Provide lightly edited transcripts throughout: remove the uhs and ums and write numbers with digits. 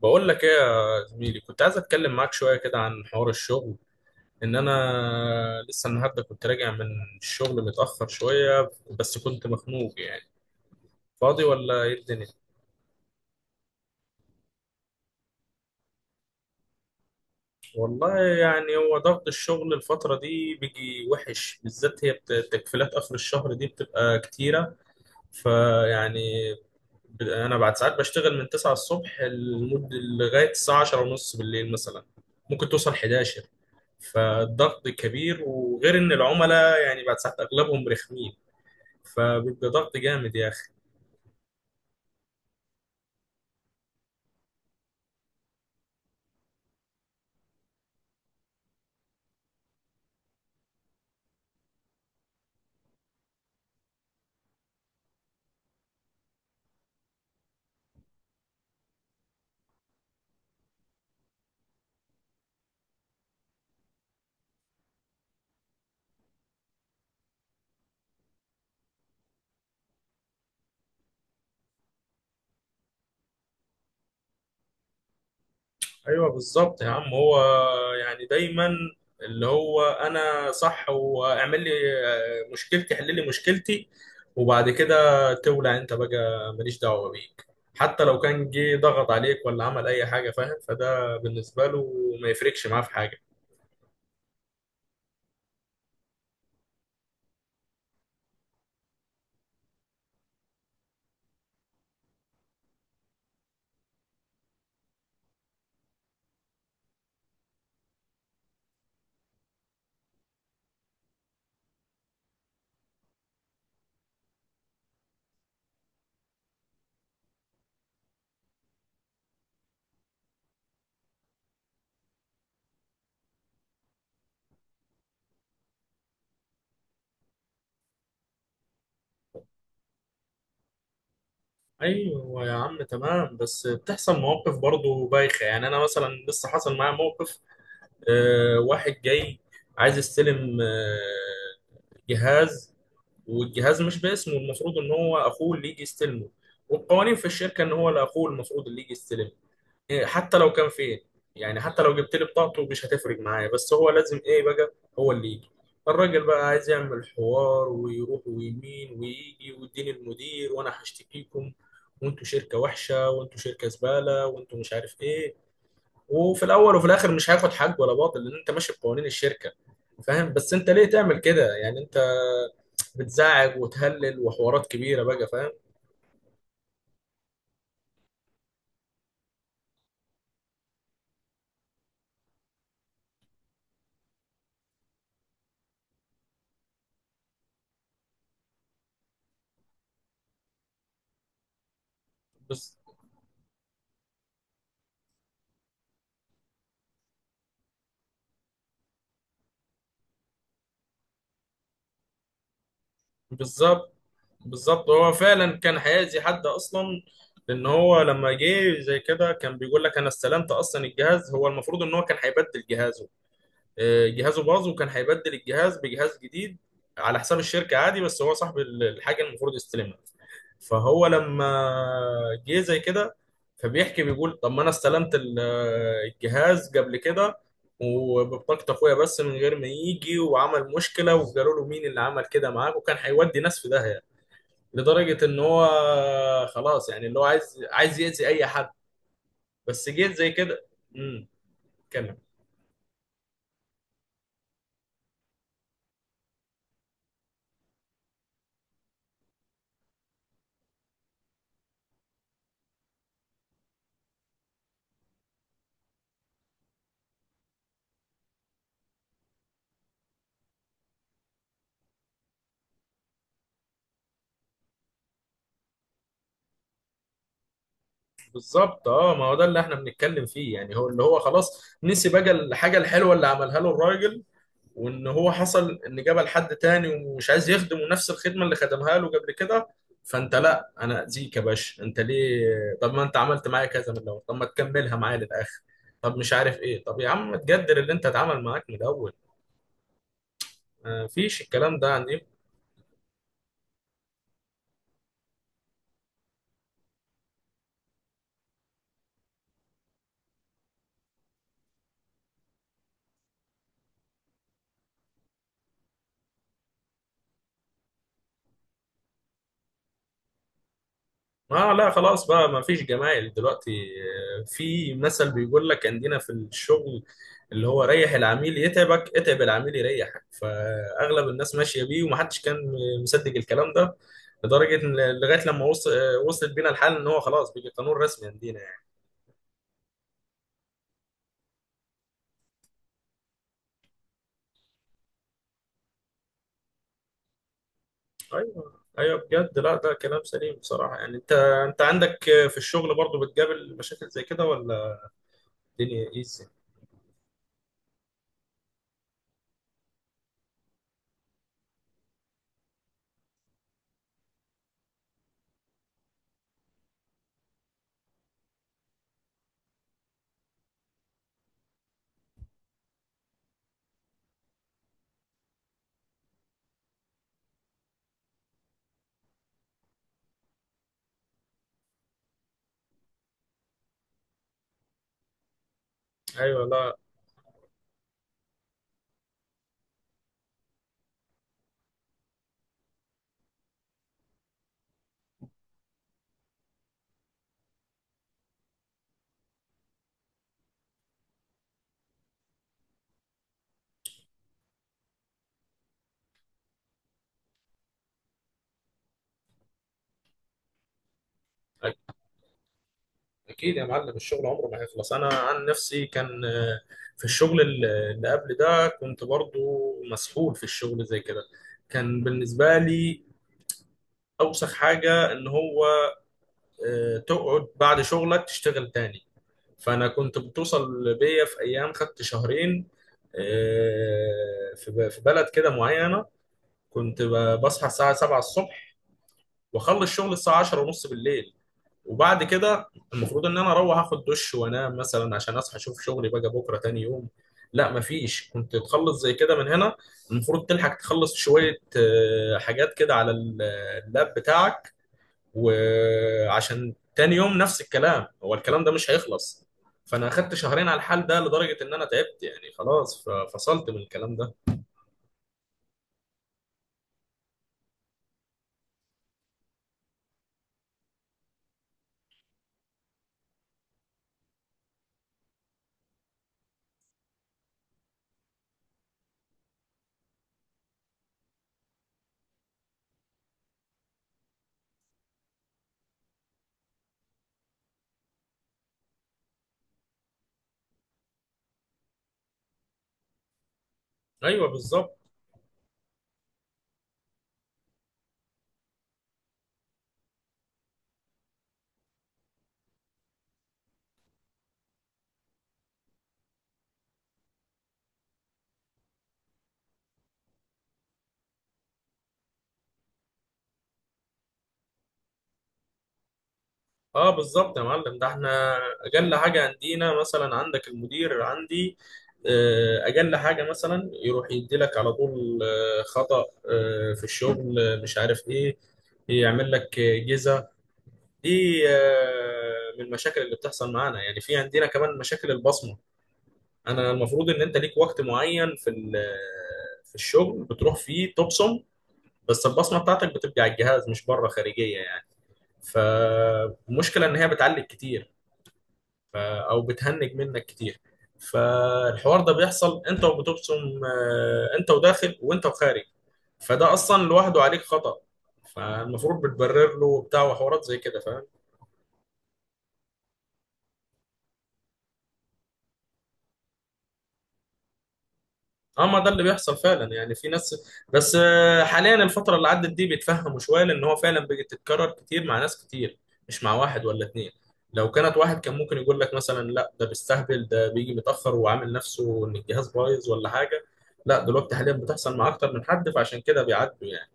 بقول لك ايه يا زميلي، كنت عايز اتكلم معاك شويه كده عن حوار الشغل. انا لسه النهارده كنت راجع من الشغل متاخر شويه، بس كنت مخنوق يعني. فاضي ولا ايه الدنيا؟ والله يعني هو ضغط الشغل الفتره دي بيجي وحش، بالذات هي تكفيلات اخر الشهر دي بتبقى كتيره. فيعني انا بعد ساعات بشتغل من 9 الصبح لمده لغايه الساعه 10 ونص بالليل مثلا، ممكن توصل 11. فالضغط كبير، وغير ان العملاء يعني بعد ساعات اغلبهم رخمين، فبيبقى ضغط جامد يا اخي. ايوه بالظبط يا عم، هو يعني دايما اللي هو انا صح، واعمل لي مشكلتي، حل لي مشكلتي، وبعد كده تولع انت بقى، ماليش دعوه بيك. حتى لو كان جه ضغط عليك ولا عمل اي حاجه، فاهم؟ فده بالنسبه له ما يفرقش معاه في حاجه. ايوه يا عم تمام، بس بتحصل مواقف برضه بايخه. يعني انا مثلا لسه حصل معايا موقف، واحد جاي عايز يستلم جهاز، والجهاز مش باسمه. المفروض ان هو اخوه اللي يجي يستلمه، والقوانين في الشركه ان هو لاخوه المفروض اللي يجي يستلمه. حتى لو كان فين، يعني حتى لو جبت لي بطاقته مش هتفرق معايا، بس هو لازم ايه بقى، هو اللي يجي. الراجل بقى عايز يعمل حوار، ويروح ويمين ويجي ويديني المدير وانا هشتكيكم، وانتوا شركه وحشه، وانتوا شركه زباله، وانتوا مش عارف ايه. وفي الاول وفي الاخر مش هياخد حق ولا باطل، لان انت ماشي بقوانين الشركه، فاهم؟ بس انت ليه تعمل كده يعني؟ انت بتزعج وتهلل وحوارات كبيره بقى، فاهم؟ بس بالظبط. بالظبط، هو فعلا كان هيأذي حد اصلا. لان هو لما جه زي كده كان بيقول لك انا استلمت اصلا الجهاز. هو المفروض ان هو كان هيبدل الجهاز، جهازه باظ وكان هيبدل الجهاز بجهاز جديد على حساب الشركه عادي، بس هو صاحب الحاجه المفروض يستلمها. فهو لما جه زي كده فبيحكي، بيقول طب ما انا استلمت الجهاز قبل كده وببطاقة اخويا، بس من غير ما يجي وعمل مشكلة وقالوا له مين اللي عمل كده معاك، وكان هيودي ناس في داهية، لدرجة ان هو خلاص يعني اللي هو عايز يأذي اي حد، بس جيت زي كده. امم اتكلم. بالظبط. اه ما هو ده اللي احنا بنتكلم فيه يعني. هو اللي هو خلاص نسي بقى الحاجه الحلوه اللي عملها له الراجل، وان هو حصل ان جابها لحد تاني ومش عايز يخدمه نفس الخدمه اللي خدمها له قبل كده. فانت لا انا اذيك يا باشا، انت ليه؟ طب ما انت عملت معايا كذا من الاول، طب ما تكملها معايا للاخر. طب مش عارف ايه، طب يا عم تقدر اللي انت اتعمل معاك من الاول، ما فيش الكلام ده يعني. اه لا خلاص بقى، ما فيش جمايل دلوقتي. في مثل بيقول لك عندنا في الشغل، اللي هو ريح العميل يتعبك، اتعب العميل يريحك. فاغلب الناس ماشيه بيه، ومحدش كان مصدق الكلام ده، لدرجه ان لغايه لما وصل، وصلت بينا الحال ان هو خلاص بقى قانون رسمي عندنا يعني. ايوه ايوه بجد، لا ده كلام سليم بصراحه. يعني انت، انت عندك في الشغل برضو بتقابل مشاكل زي كده ولا الدنيا ايزي؟ ايوه لا، اكيد يا معلم الشغل عمره ما هيخلص. انا عن نفسي كان في الشغل اللي قبل ده كنت برضو مسحول في الشغل زي كده. كان بالنسبه لي اوسخ حاجه ان هو تقعد بعد شغلك تشتغل تاني. فانا كنت بتوصل بيا في ايام، خدت شهرين في في بلد كده معينه، كنت بصحى الساعه 7 الصبح واخلص شغل الساعه 10 ونص بالليل، وبعد كده المفروض ان انا اروح اخد دش وانام مثلا عشان اصحى اشوف شغلي بقى بكره تاني يوم. لا مفيش، كنت تخلص زي كده من هنا، المفروض تلحق تخلص شويه حاجات كده على اللاب بتاعك، وعشان تاني يوم نفس الكلام. هو الكلام ده مش هيخلص. فانا اخدت شهرين على الحال ده، لدرجه ان انا تعبت يعني خلاص، فصلت من الكلام ده. ايوه بالظبط. اه بالظبط يا معلم، ده احنا اجل حاجه عندنا، مثلا عندك المدير، عندي اجل حاجه مثلا يروح يديلك على طول خطأ في الشغل مش عارف ايه، يعمل لك جزا. دي من المشاكل اللي بتحصل معانا يعني. في عندنا كمان مشاكل البصمه، انا المفروض ان انت ليك وقت معين في في الشغل بتروح فيه تبصم، بس البصمه بتاعتك بتبقى على الجهاز مش بره خارجيه يعني. فالمشكله ان هي بتعلق كتير، ف- او بتهنج منك كتير. فالحوار ده بيحصل انت وبتبصم، انت وداخل وانت وخارج، فده اصلا لوحده عليك خطأ. فالمفروض بتبرر له وبتاع، وحوارات زي كده، فاهم؟ اه ما ده اللي بيحصل فعلا يعني. في ناس، بس حاليا الفترة اللي عدت دي بيتفهموا شوية، لأن هو فعلا بتتكرر كتير مع ناس كتير، مش مع واحد ولا اتنين. لو كانت واحد كان ممكن يقول لك مثلا لا ده بيستهبل، ده بيجي متأخر وعامل نفسه إن الجهاز بايظ ولا حاجة. لا دلوقتي حاليا بتحصل مع أكتر من حد، فعشان كده بيعدوا يعني.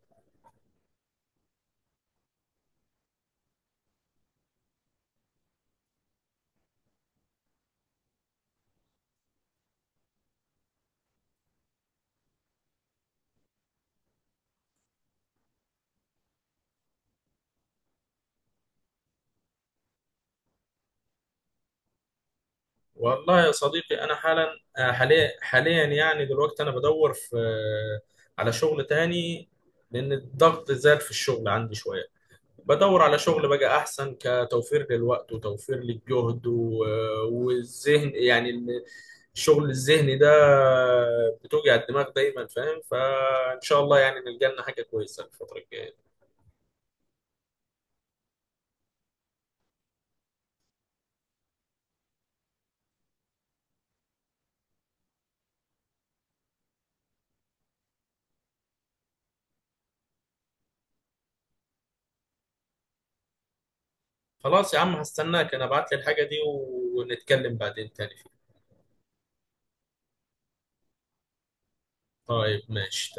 والله يا صديقي أنا حالا، حاليا حاليا يعني دلوقتي، أنا بدور في على شغل تاني، لأن الضغط زاد في الشغل عندي شوية. بدور على شغل بقى احسن، كتوفير للوقت وتوفير للجهد والذهن يعني، الشغل الذهني ده بتوجع الدماغ دايما، فاهم؟ فان شاء الله يعني نلقى لنا حاجه كويسه الفتره الجايه. خلاص يا عم هستناك، انا ابعت لي الحاجه دي ونتكلم بعدين تاني فيها. طيب ماشي.